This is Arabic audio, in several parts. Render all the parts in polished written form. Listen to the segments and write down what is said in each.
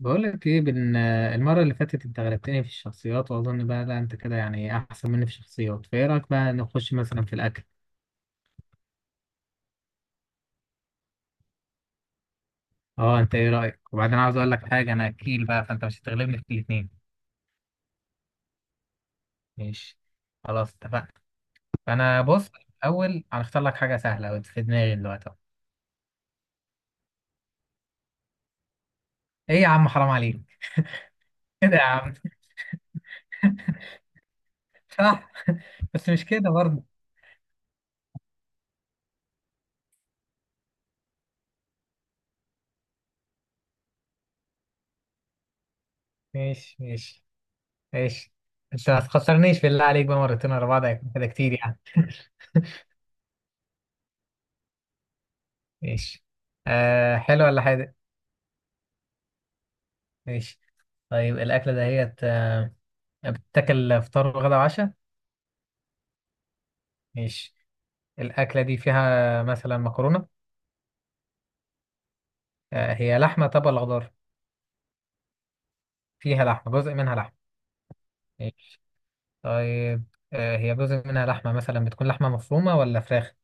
بقول لك ايه المره اللي فاتت انت غلبتني في الشخصيات، واظن بقى لا انت كده يعني احسن مني في الشخصيات، فايه رايك بقى نخش مثلا في الاكل؟ اه انت ايه رايك؟ وبعدين عاوز اقول لك حاجه، انا اكيل بقى، فانت مش هتغلبني في الاثنين. ماشي. خلاص اتفقنا. فانا بص. اول هنختار لك حاجه سهله وانت في دماغي دلوقتي أهو. ايه يا عم، حرام عليك! كده يا عم. صح. بس مش كده برضه. ماشي ماشي ماشي. انت ما تخسرنيش بالله عليك بقى، مرتين ورا بعض هيكون كده كتير يعني. ماشي. آه، حلو ولا حاجه؟ ماشي. طيب الأكلة دهيت بتتاكل فطار وغدا وعشاء؟ ماشي. الأكلة دي فيها مثلا مكرونة؟ هي لحمة طب ولا خضار؟ فيها لحمة، جزء منها لحمة. ماشي. طيب هي جزء منها لحمة، مثلا بتكون لحمة مفرومة ولا فراخ؟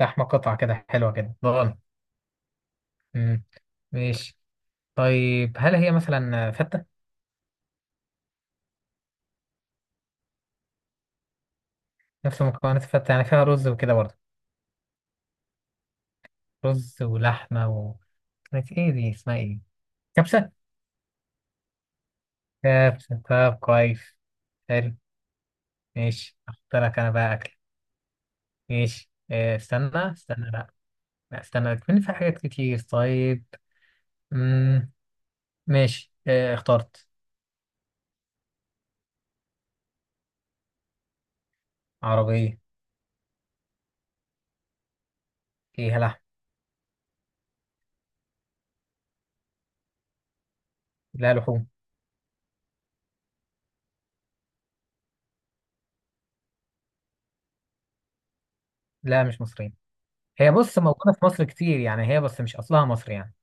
لحمة قطعة كده، حلوة كده ضغن. مم. ماشي. طيب هل هي مثلا فتة؟ نفس مكونات الفتة، يعني فيها رز وكده برضه؟ رز ولحمة و... كانت ايه دي، اسمها ايه؟ كبسة. كبسة، طب كويس. حلو. ماشي، اختار لك انا بقى اكل. ماشي، استنى استنى، لا لا، استنى كمان في حاجات كتير. طيب. مم. ماشي، اخترت. عربية. فيها لحم. لا، لحوم. لا مش مصرية. هي بص، موجودة في مصر كتير يعني، هي بس مش اصلها مصري يعني.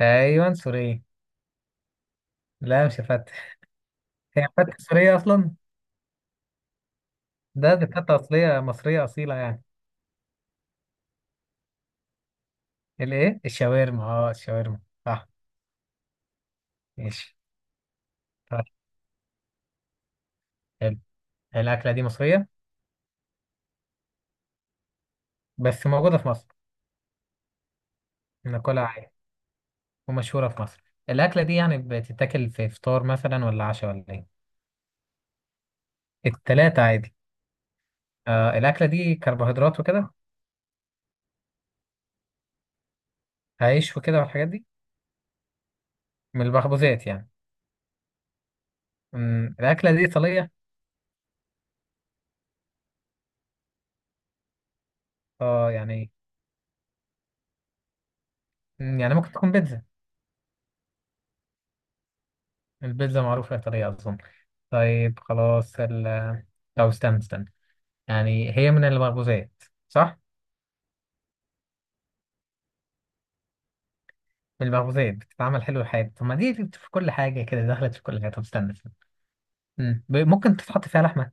ايوه، سورية. لا، مش فتة. هي فتة سورية اصلا؟ ده دي فتة اصلية مصرية اصيلة يعني. الايه؟ الشاورما. اه الشاورما، صح. ماشي. طيب، حلو. الاكلة دي مصرية، بس موجودة في مصر. ناكلها عادي. ومشهورة في مصر. الأكلة دي يعني بتتاكل في فطار مثلا ولا عشاء ولا إيه؟ التلاتة عادي. آه، الأكلة دي كربوهيدرات وكده؟ عيش وكده والحاجات دي، من البخبوزات يعني. الأكلة دي إيطالية؟ اه يعني. يعني ممكن تكون بيتزا، البيتزا معروفة إيطالية أظن. طيب خلاص ال... طب استنى استنى، يعني هي من البخبوزات، صح؟ من البخبوزات؟ بتتعمل حلو الحاجة؟ طب ما دي في كل حاجة كده، دخلت في كل حاجة. طب استنى استنى، ممكن تتحط فيها لحمة؟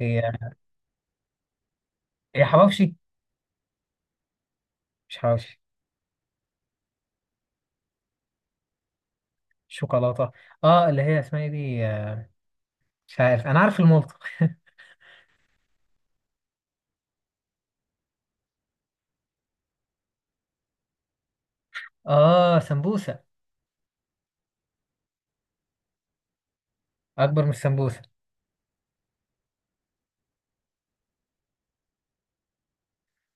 هي هي حواوشي؟ مش حواوشي. شوكولاته، اه اللي هي اسمها ايه دي؟ مش عارف، انا عارف المولت. اه، سمبوسه. اكبر من السمبوسه.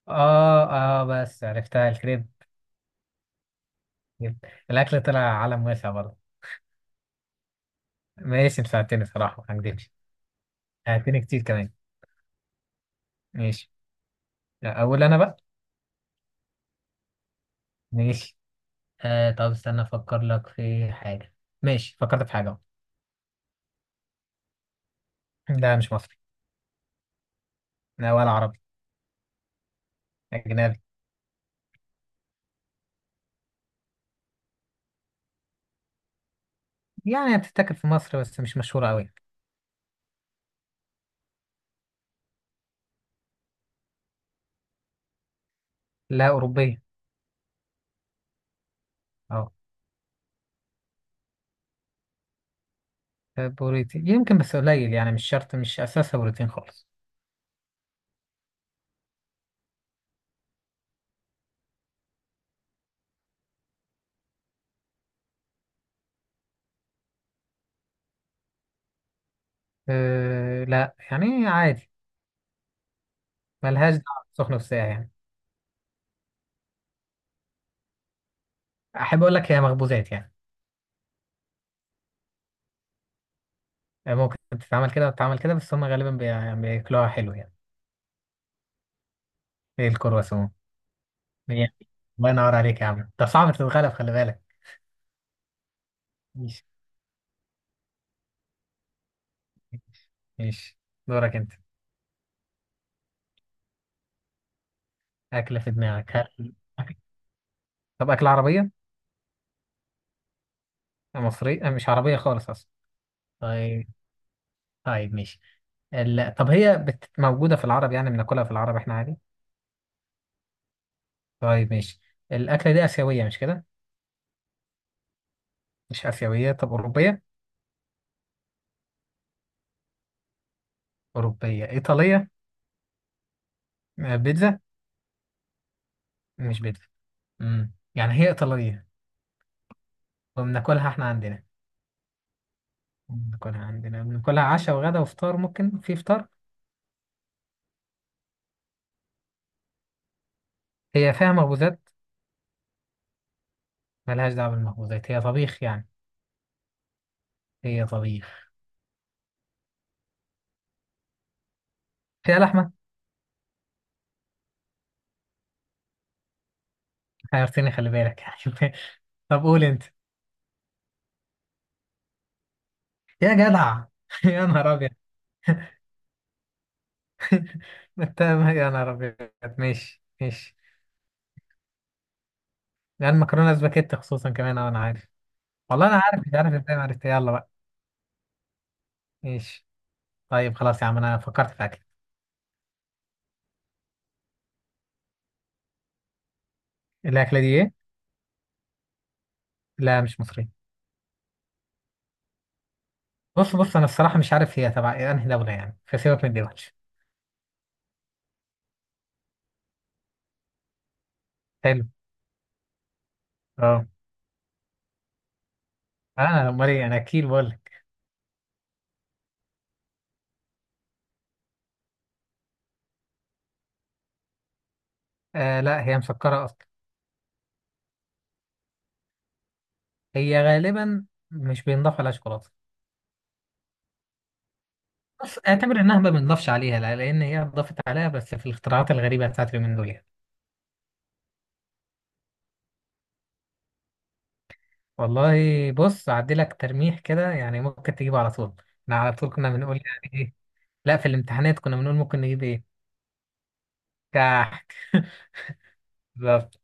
اه. اه بس عرفتها، الكريب. كريب. الاكل طلع عالم واسع برضه. ماشي، انت ساعدتني صراحه، ما هكدبش، ساعدتني كتير كمان. ماشي، اقول انا بقى. ماشي، آه طب استنى افكر لك في حاجه. ماشي، فكرت في حاجه أهو. لا مش مصري. لا ولا عربي. اجنبي. يعني بتتاكل في مصر بس مش مشهوره قوي. لا، اوروبيه. اه. بروتين يمكن بس قليل يعني، مش شرط، مش اساسها بروتين خالص. أه لا، يعني عادي. ملهاش دعوة بالسخن والساقع يعني. أحب أقول لك هي مخبوزات يعني. ممكن تتعمل كده وتتعمل كده، بس هم غالبا يعني بياكلوها حلو يعني. زي الكرواسون. هي- الله ينور عليك يا عم، ده صعب تتغلب، خلي بالك. ماشي ماشي. دورك أنت. أكلة في دماغك، هل طب أكلة عربية؟ مصرية؟ أه، مش عربية خالص أصلا. طيب. طيب ماشي. طب هي موجودة في العرب، يعني بناكلها في العرب إحنا عادي؟ طيب ماشي. الأكلة دي آسيوية مش كده؟ مش آسيوية، طب أوروبية؟ أوروبية إيطالية؟ بيتزا؟ مش بيتزا. يعني هي إيطالية وبناكلها إحنا عندنا. بناكلها عندنا، بناكلها عشاء وغدا وفطار، ممكن في فطار؟ هي فيها مخبوزات؟ ملهاش دعوة بالمخبوزات، هي طبيخ يعني. هي طبيخ. فيها لحمة؟ حيرتني خلي بالك. يعني. طب قول أنت. يا جدع! يا نهار أبيض. أنت يا نهار أبيض. ماشي ماشي. لأن مكرونة سباكيت خصوصا كمان، أه، أنا عارف. والله أنا عارف، مش عارف إزاي ما عرفت، يلا بقى. ماشي. طيب خلاص يا عم، أنا فكرت في أكل. الأكلة دي إيه؟ لا مش مصرية. بص بص، انا الصراحة مش عارف هي تبع إيه، انهي دولة يعني، فسيبك من دي وحش. حلو. اه انا امال ايه، انا اكيد بقول لك. آه لا، هي مسكرة اصلا. هي غالبا مش بينضاف عليها شوكولاتة. بس اعتبر انها ما بينضافش عليها، لا، لان هي اتضافت عليها بس في الاختراعات الغريبة بتاعت اليومين دول يعني. والله بص، اعدي لك ترميح كده يعني، ممكن تجيبه على طول. احنا على طول كنا بنقول يعني ايه. لا، في الامتحانات كنا بنقول ممكن نجيب ايه. كح. بالظبط.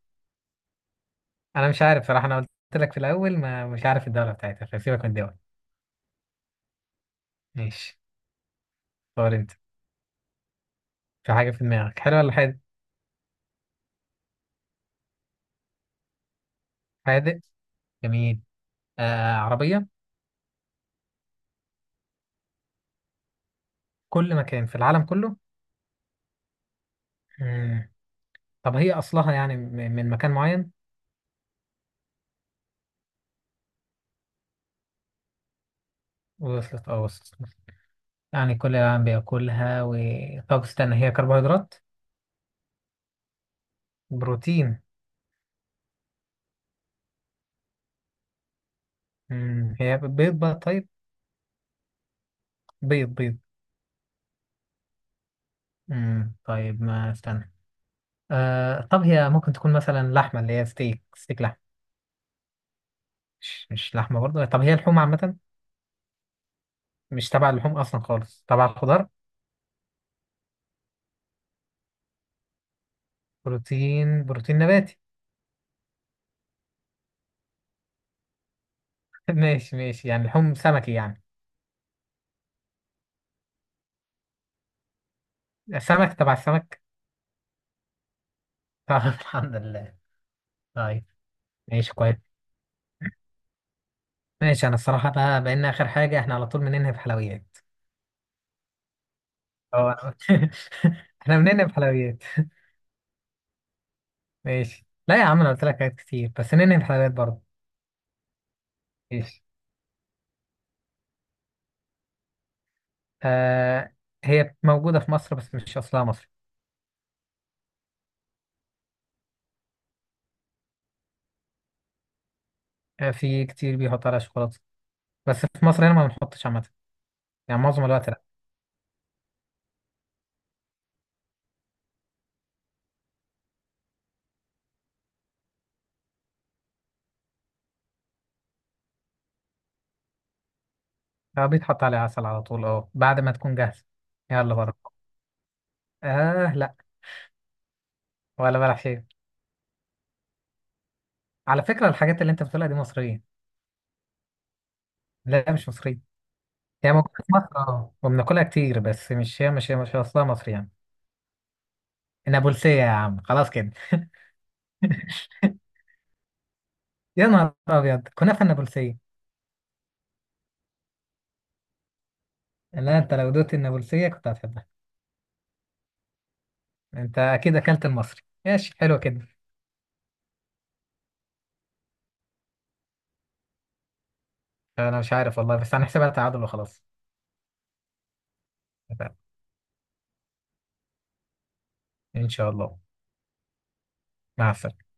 انا مش عارف صراحة، انا قلت لك في الاول ما مش عارف الدولة بتاعتها، فسيبك من الدول. ماشي. اختار انت. في حاجة في دماغك، حلو ولا حادق؟ حادق. جميل. آه عربية؟ كل مكان في العالم كله. مم. طب هي أصلها يعني من مكان معين؟ وصلت، اه وصلت. يعني كل العالم بياكلها و... طب استنى، هي كربوهيدرات؟ بروتين. هي بيض بقى طيب؟ بيض. طيب ما استنى، آه طب هي ممكن تكون مثلا لحمة، اللي هي ستيك، ستيك. مش لحمة برضه؟ طب هي لحوم عامة؟ مش تبع اللحوم أصلا خالص، تبع الخضار؟ بروتين نباتي؟ ماشي ماشي، يعني لحوم سمكي يعني. سمك، تبع السمك. طيب. الحمد لله. طيب ماشي كويس. ماشي انا الصراحة بقى، بقينا اخر حاجة، احنا على طول بننهي بحلويات. اه انا احنا بننهي بحلويات. ماشي، لا يا عم انا قلت لك حاجات كتير، بس ننهي بحلويات برضه. ماشي. آه، هي موجودة في مصر بس مش اصلها مصري. آه، في كتير بيحط عليها شوكولاتة، بس في مصر هنا ما بنحطش عامة. يعني معظم الوقت لا. آه بيتحط عليها عسل على طول، اه بعد ما تكون جاهزة. يلا بره! آه لا. ولا بلح شيء. على فكرة الحاجات اللي انت بتقولها دي مصرية. لا مش مصرية. هي موجودة في مصر اه، وبناكلها كتير، بس مش هي، مش هي، مش اصلها مصري يعني. النابلسية يا عم، خلاص كده. يا نهار ابيض، كنافة النابلسية. لا انت لو دوت النابلسية كنت هتحبها. انت اكيد اكلت المصري، ماشي حلو كده. انا مش عارف والله، بس هنحسبها تعادل وخلاص. ان شاء الله. مع السلامة.